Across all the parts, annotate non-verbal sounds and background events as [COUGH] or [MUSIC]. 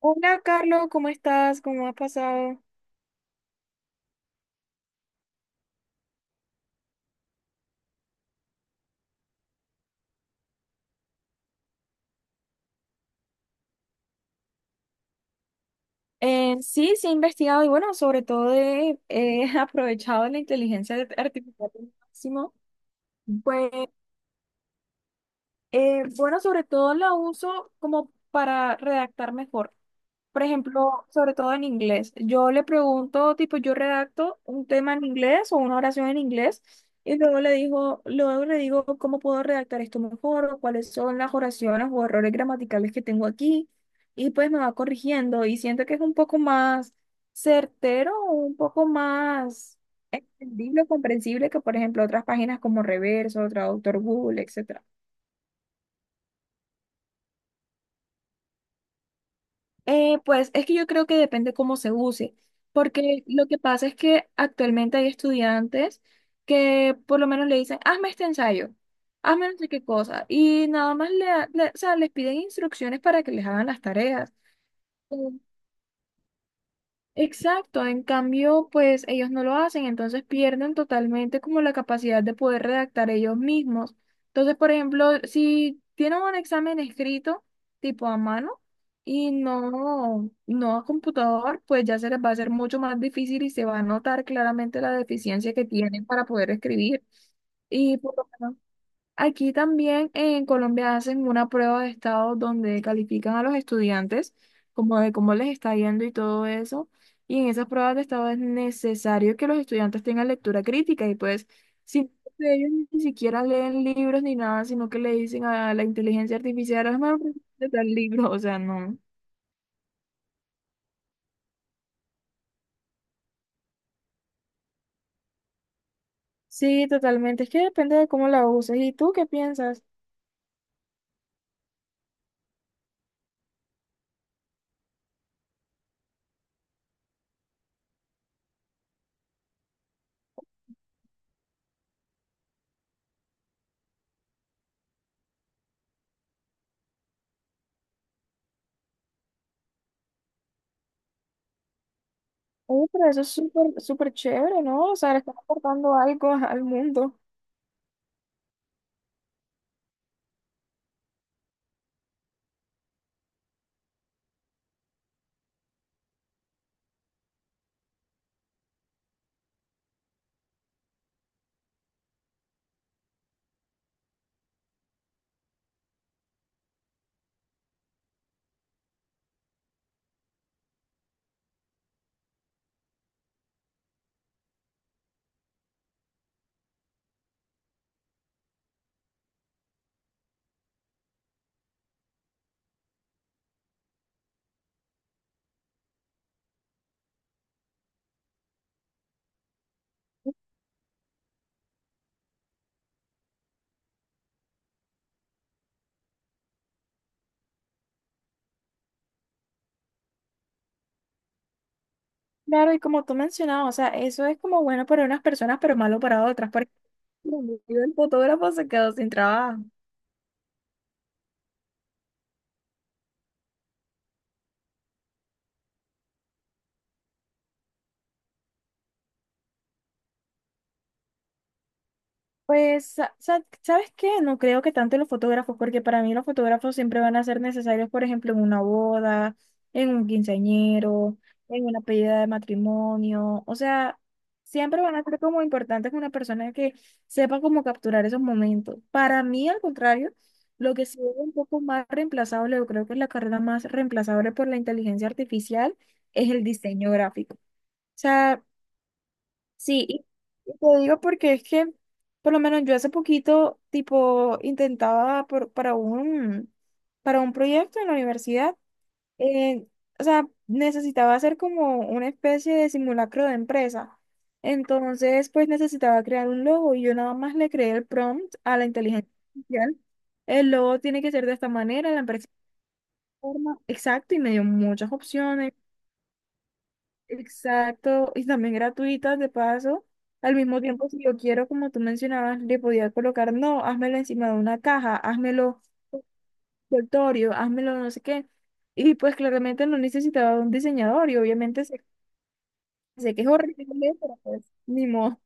Hola Carlos, ¿cómo estás? ¿Cómo has pasado? Sí, sí he investigado y bueno, sobre todo he [LAUGHS] aprovechado la inteligencia artificial al máximo. Pues bueno, sobre todo la uso como para redactar mejor. Por ejemplo, sobre todo en inglés. Yo le pregunto, tipo, yo redacto un tema en inglés o una oración en inglés, y luego le digo cómo puedo redactar esto mejor o cuáles son las oraciones o errores gramaticales que tengo aquí, y pues me va corrigiendo y siento que es un poco más certero o un poco más entendible, comprensible que, por ejemplo, otras páginas como Reverso, Traductor Google, etcétera. Pues es que yo creo que depende cómo se use, porque lo que pasa es que actualmente hay estudiantes que por lo menos le dicen, hazme este ensayo, hazme no sé qué cosa, y nada más o sea, les piden instrucciones para que les hagan las tareas. Exacto, en cambio, pues ellos no lo hacen, entonces pierden totalmente como la capacidad de poder redactar ellos mismos. Entonces, por ejemplo, si tienen un examen escrito, tipo a mano, y no a computador, pues ya se les va a hacer mucho más difícil y se va a notar claramente la deficiencia que tienen para poder escribir. Y por lo menos aquí también en Colombia hacen una prueba de estado donde califican a los estudiantes como de cómo les está yendo y todo eso. Y en esas pruebas de estado es necesario que los estudiantes tengan lectura crítica, y pues si de ellos ni siquiera leen libros ni nada, sino que le dicen a la inteligencia artificial, hermano, de tal libro, o sea, no. Sí, totalmente. Es que depende de cómo la uses. ¿Y tú qué piensas? Oye, pero eso es súper, súper chévere, ¿no? O sea, le están aportando algo [LAUGHS] al mundo. Claro, y como tú mencionabas, o sea, eso es como bueno para unas personas, pero malo para otras, porque [LAUGHS] el fotógrafo se quedó sin trabajo. Pues, ¿sabes qué? No creo que tanto los fotógrafos, porque para mí los fotógrafos siempre van a ser necesarios, por ejemplo, en una boda, en un quinceañero, en una pedida de matrimonio. O sea, siempre van a ser como importantes una persona que sepa cómo capturar esos momentos. Para mí, al contrario, lo que sí es un poco más reemplazable, yo creo que es la carrera más reemplazable por la inteligencia artificial, es el diseño gráfico. O sea, sí, y te digo porque es que, por lo menos yo hace poquito, tipo, intentaba para un proyecto en la universidad, eh, o sea, necesitaba hacer como una especie de simulacro de empresa. Entonces, pues necesitaba crear un logo y yo nada más le creé el prompt a la inteligencia artificial. El logo tiene que ser de esta manera, la empresa de esta forma, exacto, y me dio muchas opciones. Exacto, y también gratuitas de paso. Al mismo tiempo, si yo quiero, como tú mencionabas, le podía colocar, no, házmelo encima de una caja, házmelo envoltorio, házmelo no sé qué. Y pues claramente no necesitaba un diseñador y obviamente sé, sé que es horrible, pero pues ni modo.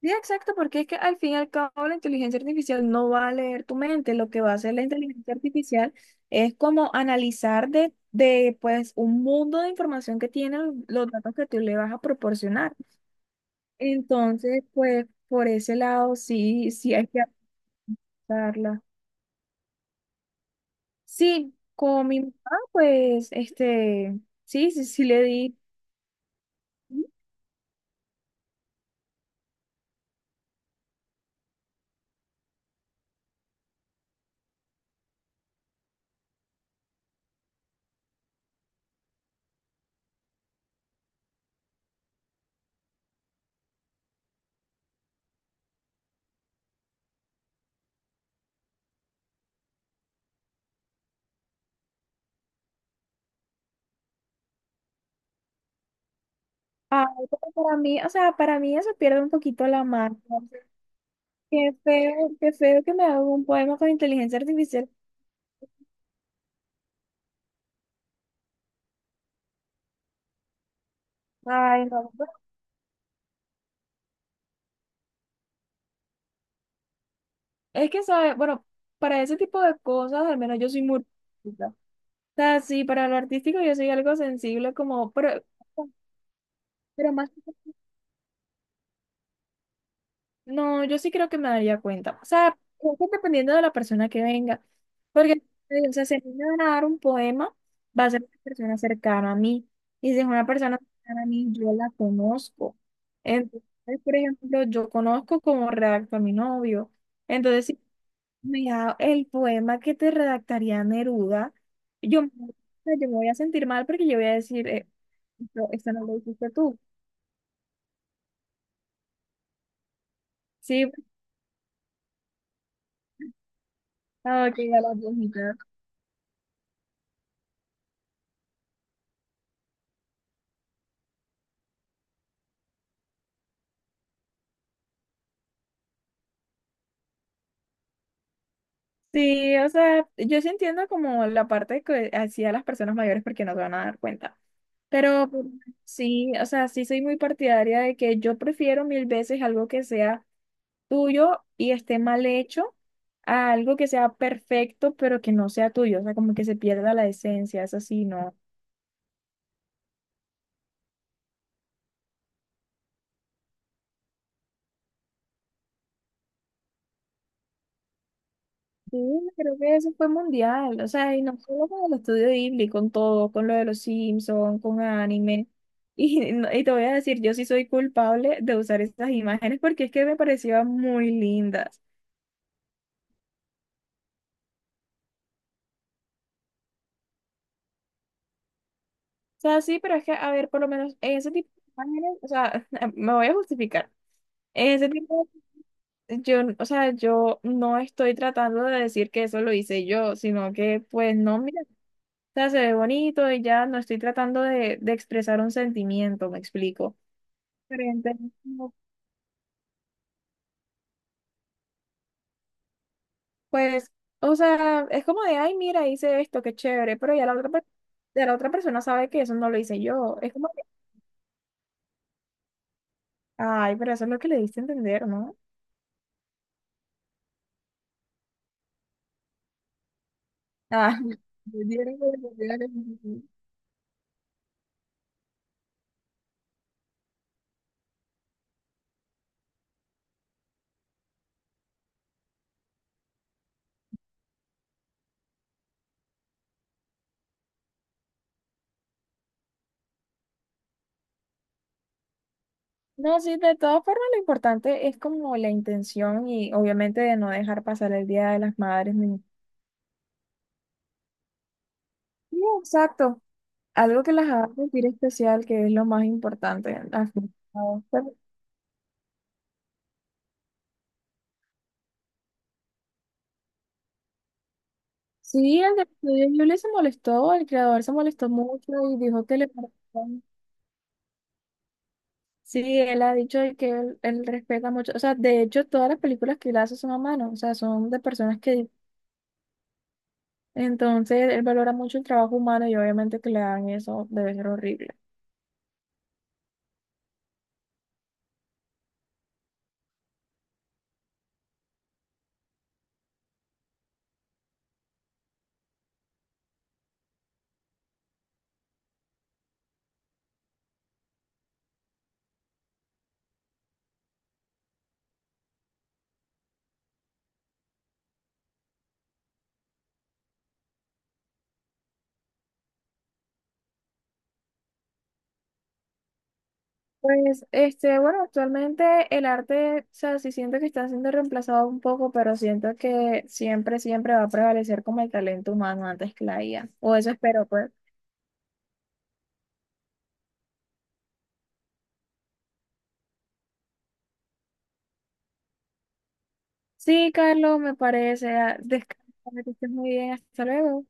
Sí, exacto, porque es que al fin y al cabo la inteligencia artificial no va a leer tu mente, lo que va a hacer la inteligencia artificial es como analizar de pues un mundo de información que tienen los datos que tú le vas a proporcionar. Entonces, pues por ese lado sí, sí hay que adaptarla. Sí, con mi mamá, pues, sí, sí, sí le di. Ah, pero para mí, o sea, para mí eso pierde un poquito la marca. Qué feo que me haga un poema con inteligencia artificial. Ay, no. Bueno, es que, ¿sabes? Bueno, para ese tipo de cosas, al menos yo soy muy artística. O sea, sí, para lo artístico yo soy algo sensible, como, pero más. No, yo sí creo que me daría cuenta. O sea, creo que dependiendo de la persona que venga. Porque, o sea, si a mí me van a dar un poema, va a ser una persona cercana a mí. Y si es una persona cercana a mí, yo la conozco. Entonces, por ejemplo, yo conozco cómo redacto a mi novio. Entonces, si mira, el poema que te redactaría Neruda, o sea, yo me voy a sentir mal porque yo voy a decir, esto, esto no lo hiciste tú. Sí, ah, ok, a la viejita. Sí, o sea, yo sí entiendo como la parte que hacía las personas mayores porque no se van a dar cuenta. Pero pues, sí, o sea, sí soy muy partidaria de que yo prefiero mil veces algo que sea tuyo y esté mal hecho a algo que sea perfecto pero que no sea tuyo. O sea, como que se pierda la esencia, eso sí, no. Sí, creo que eso fue mundial, o sea, y no solo con el estudio Ghibli, con todo, con lo de los Simpsons, con anime. [LAUGHS] Y, no- y te voy a decir, yo sí soy culpable de usar esas imágenes porque es que me parecían muy lindas. O sea, sí, pero es que, a ver, por lo menos en ese tipo de imágenes, o sea, [LAUGHS] me voy a justificar. En ese tipo, yo, o sea, yo no estoy tratando de decir que eso lo hice yo, sino que, pues, no, mira, o sea, se ve bonito y ya no estoy tratando de expresar un sentimiento, me explico. Diferente. No, pues, o sea, es como de, ay, mira, hice esto, qué chévere, pero ya la otra, ya la otra persona sabe que eso no lo hice yo. Es como que, ay, pero eso es lo que le diste a entender, ¿no? Ah, [LAUGHS] me dieron la oportunidad de no, sí, de todas formas, lo importante es como la intención y obviamente de no dejar pasar el Día de las Madres. Ni sí, exacto, algo que las haga sentir especial, que es lo más importante al fin y al cabo. Sí, el del estudio Ghibli se molestó, el creador se molestó mucho y dijo que le parecía- Sí, él ha dicho de que él respeta mucho, o sea, de hecho todas las películas que él hace son a mano, o sea, son de personas que entonces él valora mucho el trabajo humano y obviamente que le hagan eso debe ser horrible. Pues, este, bueno, actualmente el arte, o sea, sí siento que está siendo reemplazado un poco, pero siento que siempre, siempre va a prevalecer como el talento humano antes que la IA, o eso espero, pues. Sí, Carlos, me parece. Ah, descansa, que estés muy bien. Hasta luego.